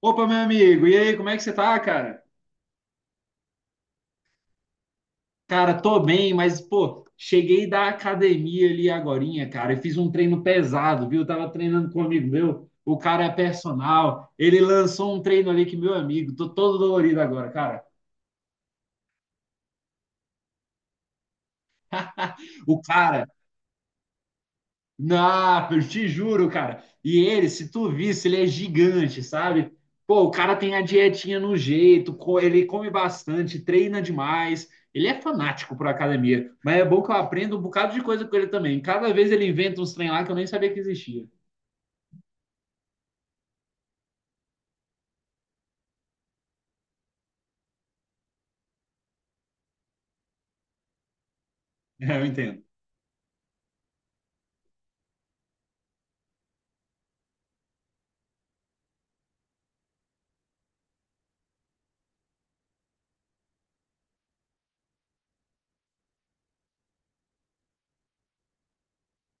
Opa, meu amigo, e aí, como é que você tá, cara? Cara, tô bem, mas, pô, cheguei da academia ali agorinha, cara, e fiz um treino pesado, viu? Tava treinando com um amigo meu, o cara é personal, ele lançou um treino ali que, meu amigo, tô todo dolorido agora, cara. O cara, não, eu te juro, cara. E ele, se tu visse, ele é gigante, sabe? Pô, o cara tem a dietinha no jeito, ele come bastante, treina demais. Ele é fanático por academia, mas é bom que eu aprendo um bocado de coisa com ele também. Cada vez ele inventa uns trem lá que eu nem sabia que existia. É, eu entendo.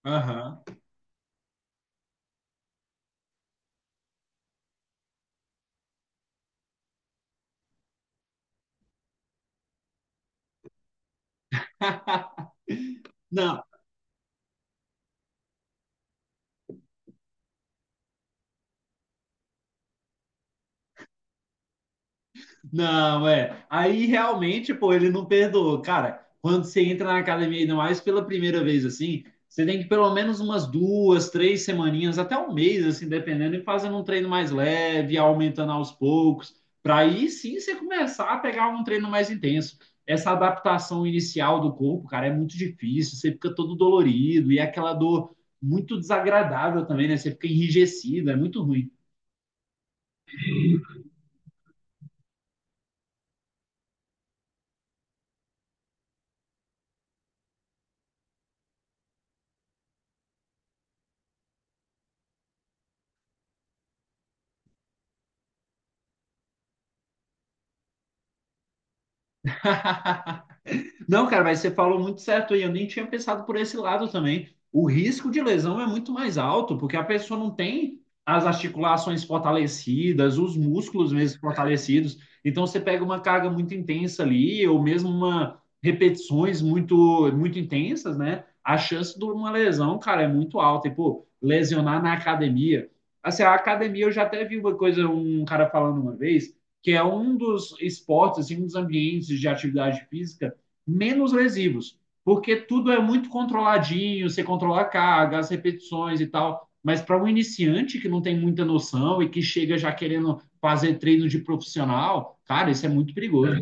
Aham. Não, não, é. Aí realmente, pô, ele não perdoou. Cara, quando você entra na academia, ainda mais pela primeira vez assim, você tem que pelo menos umas duas, três semaninhas, até um mês, assim, dependendo, e fazendo um treino mais leve, aumentando aos poucos, para aí sim você começar a pegar um treino mais intenso. Essa adaptação inicial do corpo, cara, é muito difícil, você fica todo dolorido e é aquela dor muito desagradável também, né? Você fica enrijecido, é muito ruim. Não, cara, mas você falou muito certo aí. Eu nem tinha pensado por esse lado também. O risco de lesão é muito mais alto, porque a pessoa não tem as articulações fortalecidas, os músculos mesmo fortalecidos. Então você pega uma carga muito intensa ali, ou mesmo uma repetições muito muito intensas, né? A chance de uma lesão, cara, é muito alta. E pô, lesionar na academia. Assim, a academia eu já até vi uma coisa, um cara falando uma vez, que é um dos esportes, assim, um dos ambientes de atividade física menos lesivos, porque tudo é muito controladinho, você controla a carga, as repetições e tal. Mas para um iniciante que não tem muita noção e que chega já querendo fazer treino de profissional, cara, isso é muito perigoso.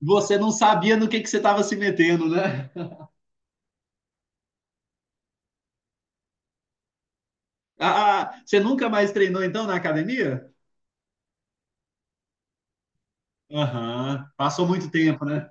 Você não sabia no que você estava se metendo, né? Ah, você nunca mais treinou então na academia? Aham, uhum, passou muito tempo, né?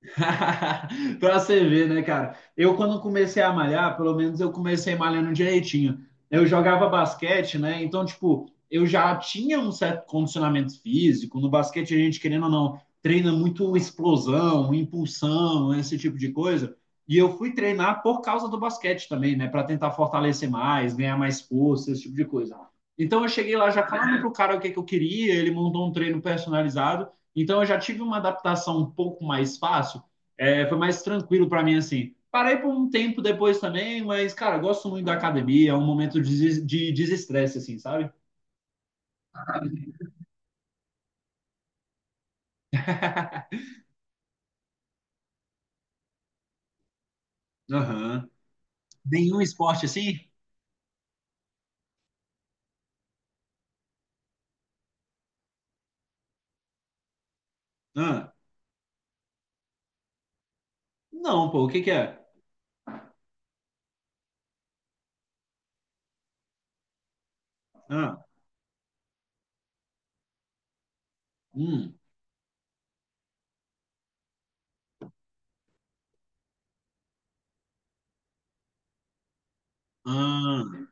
Pra você ver, né, cara? Eu, quando comecei a malhar, pelo menos eu comecei malhando direitinho. Eu jogava basquete, né? Então, tipo, eu já tinha um certo condicionamento físico. No basquete, a gente, querendo ou não, treina muito explosão, impulsão, esse tipo de coisa. E eu fui treinar por causa do basquete também, né? Para tentar fortalecer mais, ganhar mais força, esse tipo de coisa. Então eu cheguei lá já falando pro cara o que eu queria, ele montou um treino personalizado. Então eu já tive uma adaptação um pouco mais fácil, é, foi mais tranquilo para mim, assim. Parei por um tempo depois também, mas, cara, eu gosto muito da academia, é um momento de desestresse, assim, sabe? Aham. Nenhum esporte assim? Ah, não, pô, o que que é? Ah, hum, ah,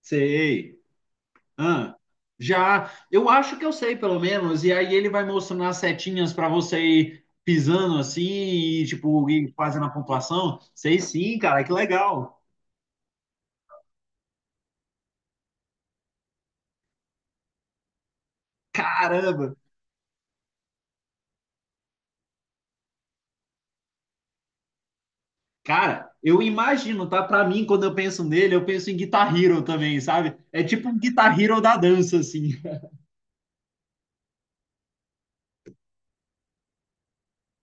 sei. Ah, já, eu acho que eu sei, pelo menos, e aí ele vai mostrando as setinhas para você ir pisando assim, e, tipo, ir fazendo a pontuação. Sei sim, cara, que legal. Caramba! Cara, eu imagino, tá? Pra mim, quando eu penso nele, eu penso em Guitar Hero também, sabe? É tipo um Guitar Hero da dança, assim.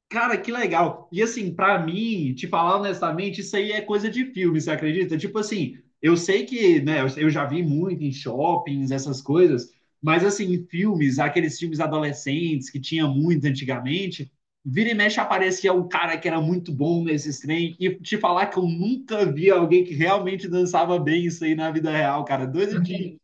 Cara, que legal. E assim, pra mim, te falar honestamente, isso aí é coisa de filme, você acredita? Tipo assim, eu sei que, né, eu já vi muito em shoppings, essas coisas, mas assim, em filmes, aqueles filmes adolescentes que tinha muito antigamente, vira e mexe aparecia um cara que era muito bom nesses trem, e te falar que eu nunca vi alguém que realmente dançava bem isso aí na vida real, cara. Doido de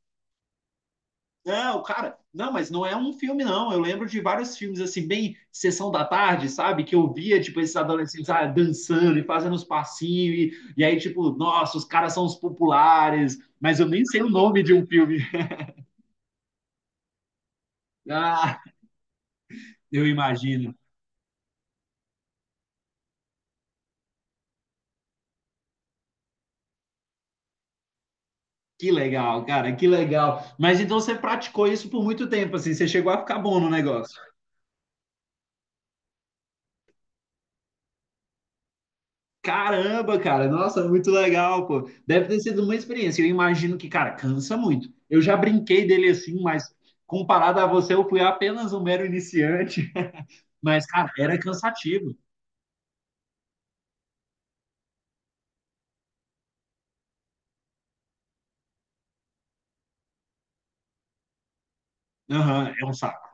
não, cara, não, mas não é um filme, não. Eu lembro de vários filmes, assim, bem sessão da tarde, sabe? Que eu via, tipo, esses adolescentes ah, dançando e fazendo os passinhos, e aí, tipo, nossa, os caras são os populares, mas eu nem sei o nome de um filme. Ah, eu imagino. Que legal, cara, que legal. Mas então você praticou isso por muito tempo, assim, você chegou a ficar bom no negócio. Caramba, cara, nossa, muito legal, pô. Deve ter sido uma experiência. Eu imagino que, cara, cansa muito. Eu já brinquei dele assim, mas comparado a você, eu fui apenas um mero iniciante. Mas, cara, era cansativo. Aham, é um saco.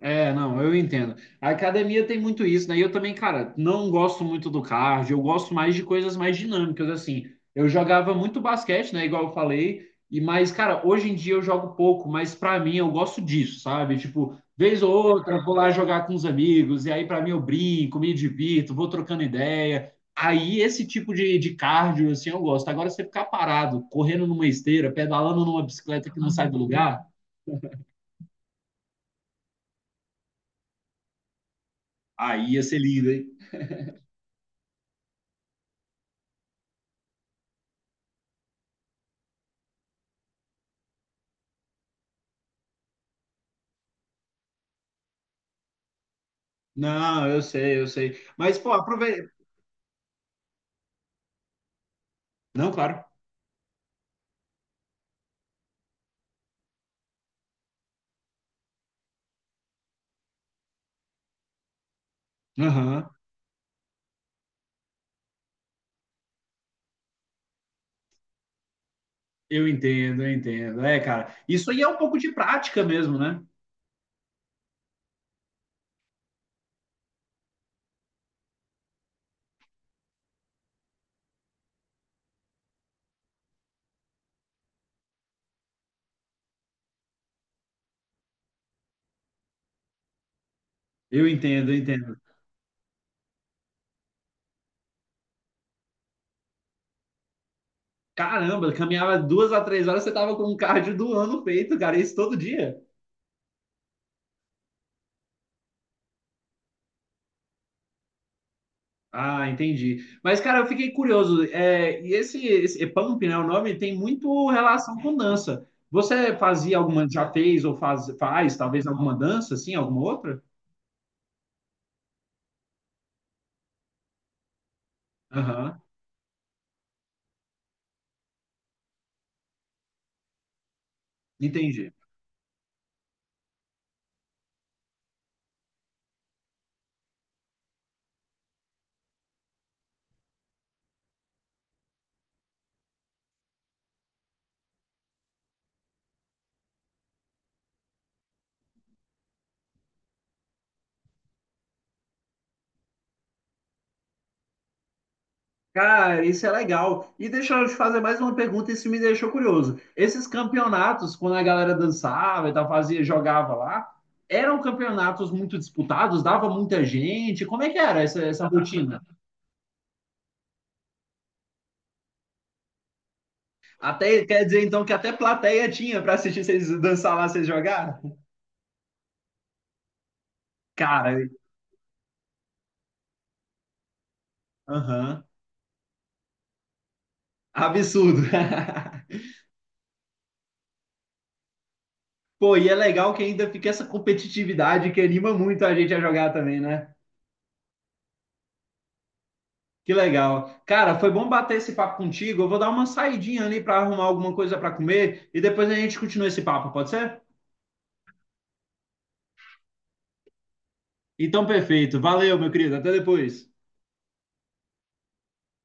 É, não, eu entendo. A academia tem muito isso, né? E eu também, cara, não gosto muito do cardio, eu gosto mais de coisas mais dinâmicas, assim. Eu jogava muito basquete, né? Igual eu falei, e mas, cara, hoje em dia eu jogo pouco, mas pra mim eu gosto disso, sabe? Tipo, vez ou outra, eu vou lá jogar com os amigos, e aí pra mim eu brinco, me divirto, vou trocando ideia. Aí esse tipo de cardio, assim, eu gosto. Agora você ficar parado, correndo numa esteira, pedalando numa bicicleta que não sai do lugar, aí ia ser lindo, hein? Não, eu sei, eu sei. Mas, pô, aproveita. Não, claro. Aham. Eu entendo, eu entendo. É, cara. Isso aí é um pouco de prática mesmo, né? Eu entendo, eu entendo. Caramba, caminhava duas a três horas, você tava com um cardio do ano feito, cara. Isso todo dia. Ah, entendi. Mas, cara, eu fiquei curioso. É, e esse pump, né? O nome tem muito relação com dança. Você fazia alguma, já fez ou faz, faz, talvez alguma dança, assim, alguma outra? Aham, entendi. Cara, isso é legal. E deixa eu te fazer mais uma pergunta, isso me deixou curioso. Esses campeonatos, quando a galera dançava e tal, fazia, jogava lá, eram campeonatos muito disputados, dava muita gente. Como é que era essa, essa rotina? Até quer dizer então que até plateia tinha para assistir vocês dançar lá, vocês jogar? Cara, aham. Absurdo. Pô, e é legal que ainda fica essa competitividade que anima muito a gente a jogar também, né? Que legal. Cara, foi bom bater esse papo contigo. Eu vou dar uma saidinha ali para arrumar alguma coisa para comer e depois a gente continua esse papo, pode ser? Então, perfeito. Valeu, meu querido. Até depois.